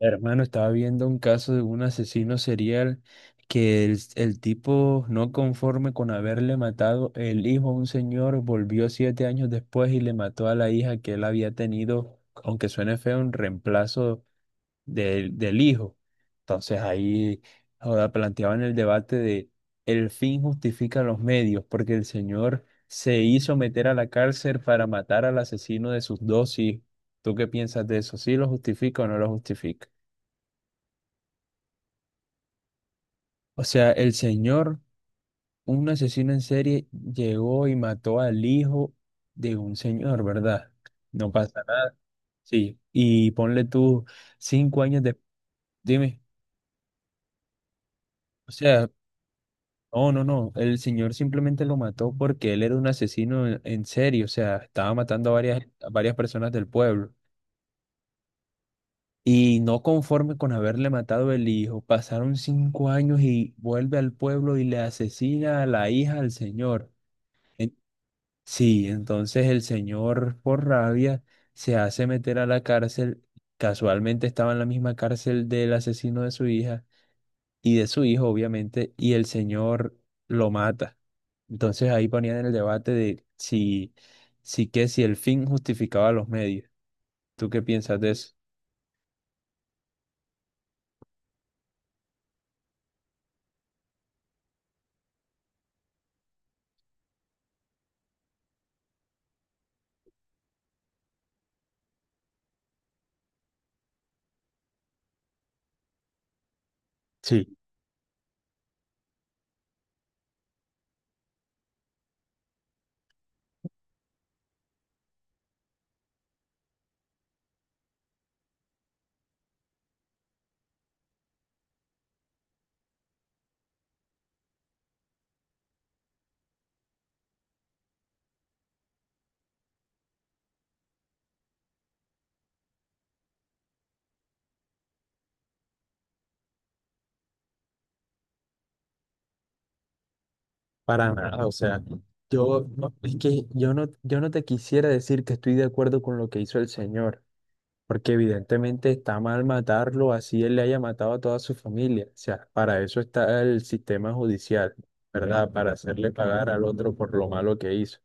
Hermano, estaba viendo un caso de un asesino serial que el tipo, no conforme con haberle matado el hijo a un señor, volvió 7 años después y le mató a la hija que él había tenido, aunque suene feo, un reemplazo del hijo. Entonces ahí ahora planteaban el debate de el fin justifica los medios, porque el señor se hizo meter a la cárcel para matar al asesino de sus dos hijos. ¿Tú qué piensas de eso? ¿Sí lo justifica o no lo justifica? O sea, el señor, un asesino en serie, llegó y mató al hijo de un señor, ¿verdad? No pasa nada. Sí. Y ponle tú 5 años de. Dime. O sea, no, no, no. El señor simplemente lo mató porque él era un asesino en serie. O sea, estaba matando a varias personas del pueblo. Y no conforme con haberle matado el hijo, pasaron 5 años y vuelve al pueblo y le asesina a la hija al señor. Sí, entonces el señor por rabia se hace meter a la cárcel. Casualmente estaba en la misma cárcel del asesino de su hija y de su hijo, obviamente, y el señor lo mata. Entonces ahí ponían en el debate de si que si el fin justificaba los medios. ¿Tú qué piensas de eso? Sí, para nada. O sea, yo no, es que yo no te quisiera decir que estoy de acuerdo con lo que hizo el señor. Porque evidentemente está mal matarlo, así él le haya matado a toda su familia. O sea, para eso está el sistema judicial, ¿verdad? Para hacerle pagar al otro por lo malo que hizo.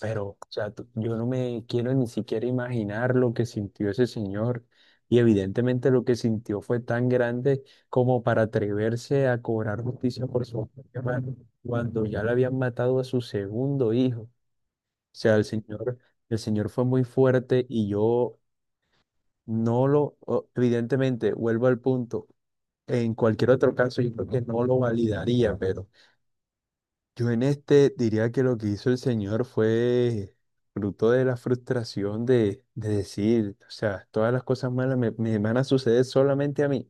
Pero, o sea, tú- yo no me quiero ni siquiera imaginar lo que sintió ese señor. Y evidentemente lo que sintió fue tan grande como para atreverse a cobrar justicia por su propia mano, cuando ya le habían matado a su segundo hijo. O sea, el señor fue muy fuerte y yo no lo, evidentemente, vuelvo al punto. En cualquier otro caso, yo creo que no lo validaría, pero yo en este diría que lo que hizo el señor fue fruto de la frustración de decir, o sea, todas las cosas malas me van a suceder solamente a mí.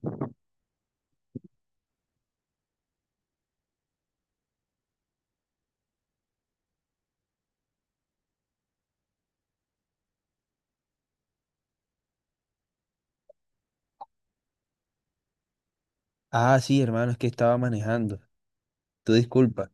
Ah, sí, hermano, es que estaba manejando. Tú disculpa.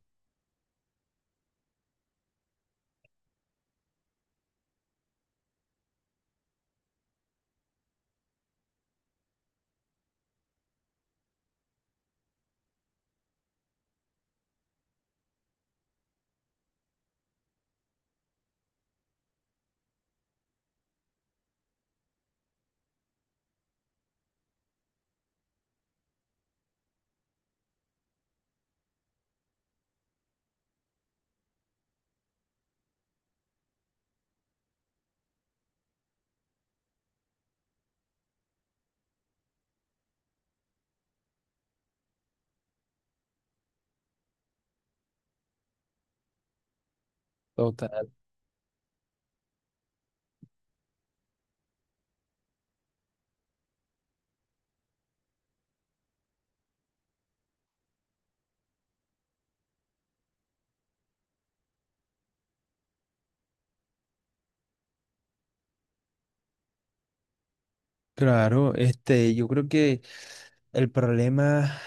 Total. Claro, este, yo creo que el problema.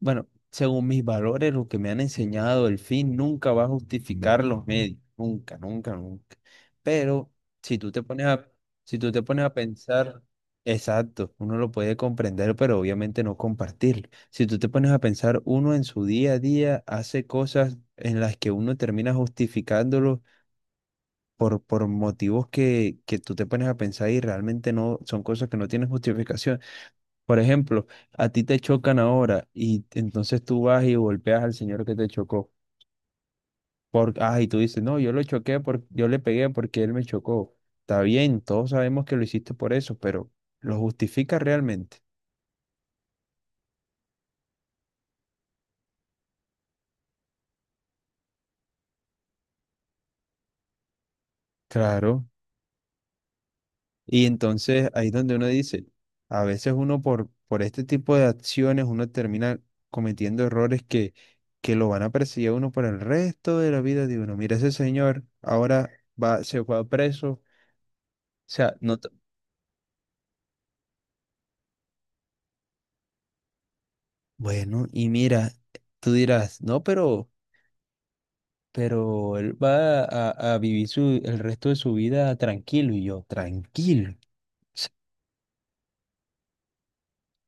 Bueno, según mis valores, lo que me han enseñado, el fin nunca va a justificar los medios, nunca, nunca, nunca. Pero si tú te pones a, si tú te pones a pensar, exacto, uno lo puede comprender, pero obviamente no compartirlo. Si tú te pones a pensar, uno en su día a día hace cosas en las que uno termina justificándolo por motivos que tú te pones a pensar y realmente no son cosas que no tienen justificación. Por ejemplo, a ti te chocan ahora y entonces tú vas y golpeas al señor que te chocó. Y tú dices, no, yo lo choqué, yo le pegué porque él me chocó. Está bien, todos sabemos que lo hiciste por eso, pero ¿lo justifica realmente? Claro. Y entonces ahí es donde uno dice, a veces uno por este tipo de acciones, uno termina cometiendo errores que lo van a perseguir a uno por el resto de la vida de uno. Mira, ese señor ahora se fue a preso. O sea, no. Bueno, y mira, tú dirás, no, pero él va a vivir su, el resto de su vida tranquilo. Y yo, tranquilo. Ts-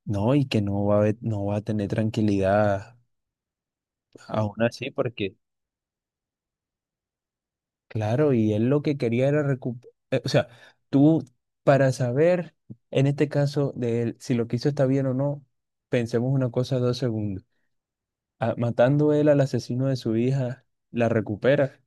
No, y que no va a tener tranquilidad aún así, porque, claro, y él lo que quería era recuperar. O sea, tú, para saber, en este caso, de él, si lo que hizo está bien o no, pensemos una cosa 2 segundos. Ah, matando él al asesino de su hija, la recupera.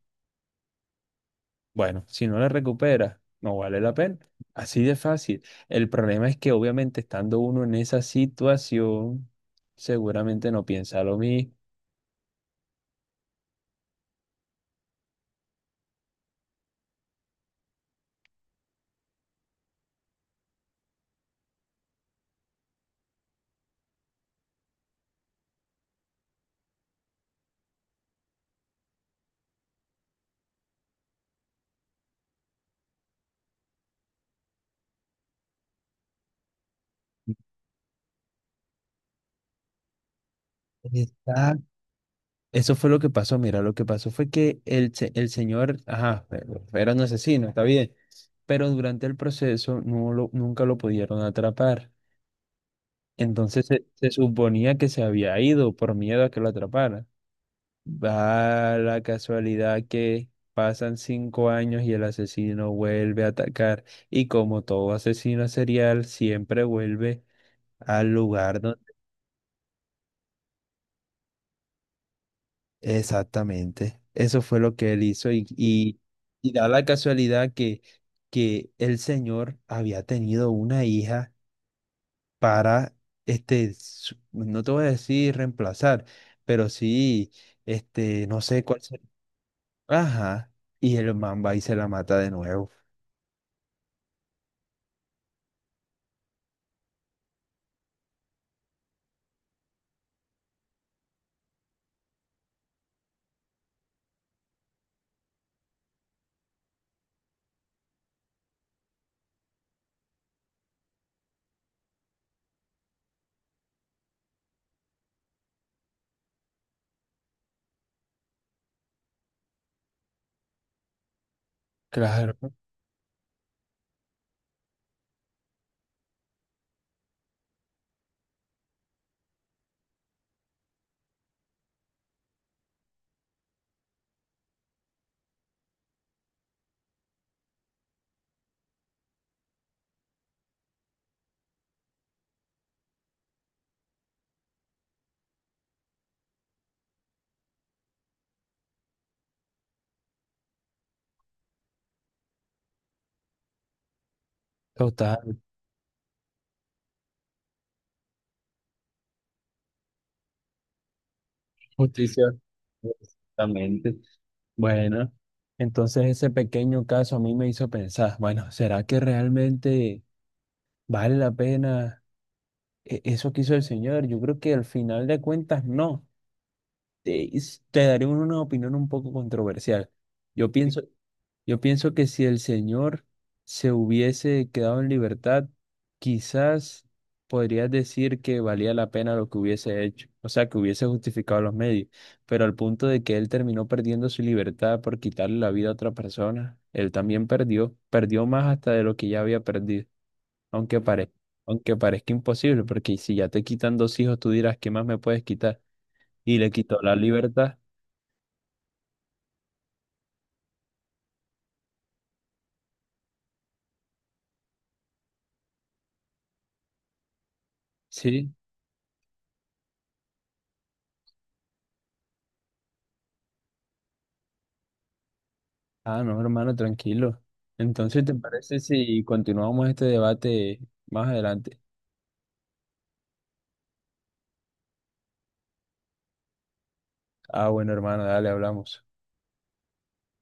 Bueno, si no la recuperas, no vale la pena. Así de fácil. El problema es que obviamente estando uno en esa situación, seguramente no piensa lo mismo. Exacto. Eso fue lo que pasó. Mira, lo que pasó fue que el señor, ajá, era un asesino, está bien, pero durante el proceso nunca lo pudieron atrapar. Entonces se suponía que se había ido por miedo a que lo atraparan. Va la casualidad que pasan 5 años y el asesino vuelve a atacar. Y como todo asesino serial, siempre vuelve al lugar donde. Exactamente. Eso fue lo que él hizo. Y da la casualidad que, el señor había tenido una hija para, este, no te voy a decir reemplazar, pero sí, este, no sé cuál sería. Ajá. Y el man va y se la mata de nuevo. Claro, total, justicia. Exactamente. Bueno, entonces ese pequeño caso a mí me hizo pensar, bueno, ¿será que realmente vale la pena e- eso que hizo el señor? Yo creo que al final de cuentas no. Te daré una opinión un poco controversial. Yo Sí. Yo pienso que si el señor se hubiese quedado en libertad, quizás podrías decir que valía la pena lo que hubiese hecho, o sea, que hubiese justificado los medios, pero al punto de que él terminó perdiendo su libertad por quitarle la vida a otra persona, él también perdió más hasta de lo que ya había perdido, aunque parezca, aunque parezca imposible, porque si ya te quitan dos hijos, tú dirás, ¿qué más me puedes quitar? Y le quitó la libertad, sí. Ah, no, hermano, tranquilo. Entonces, ¿te parece si continuamos este debate más adelante? Ah, bueno, hermano, dale, hablamos.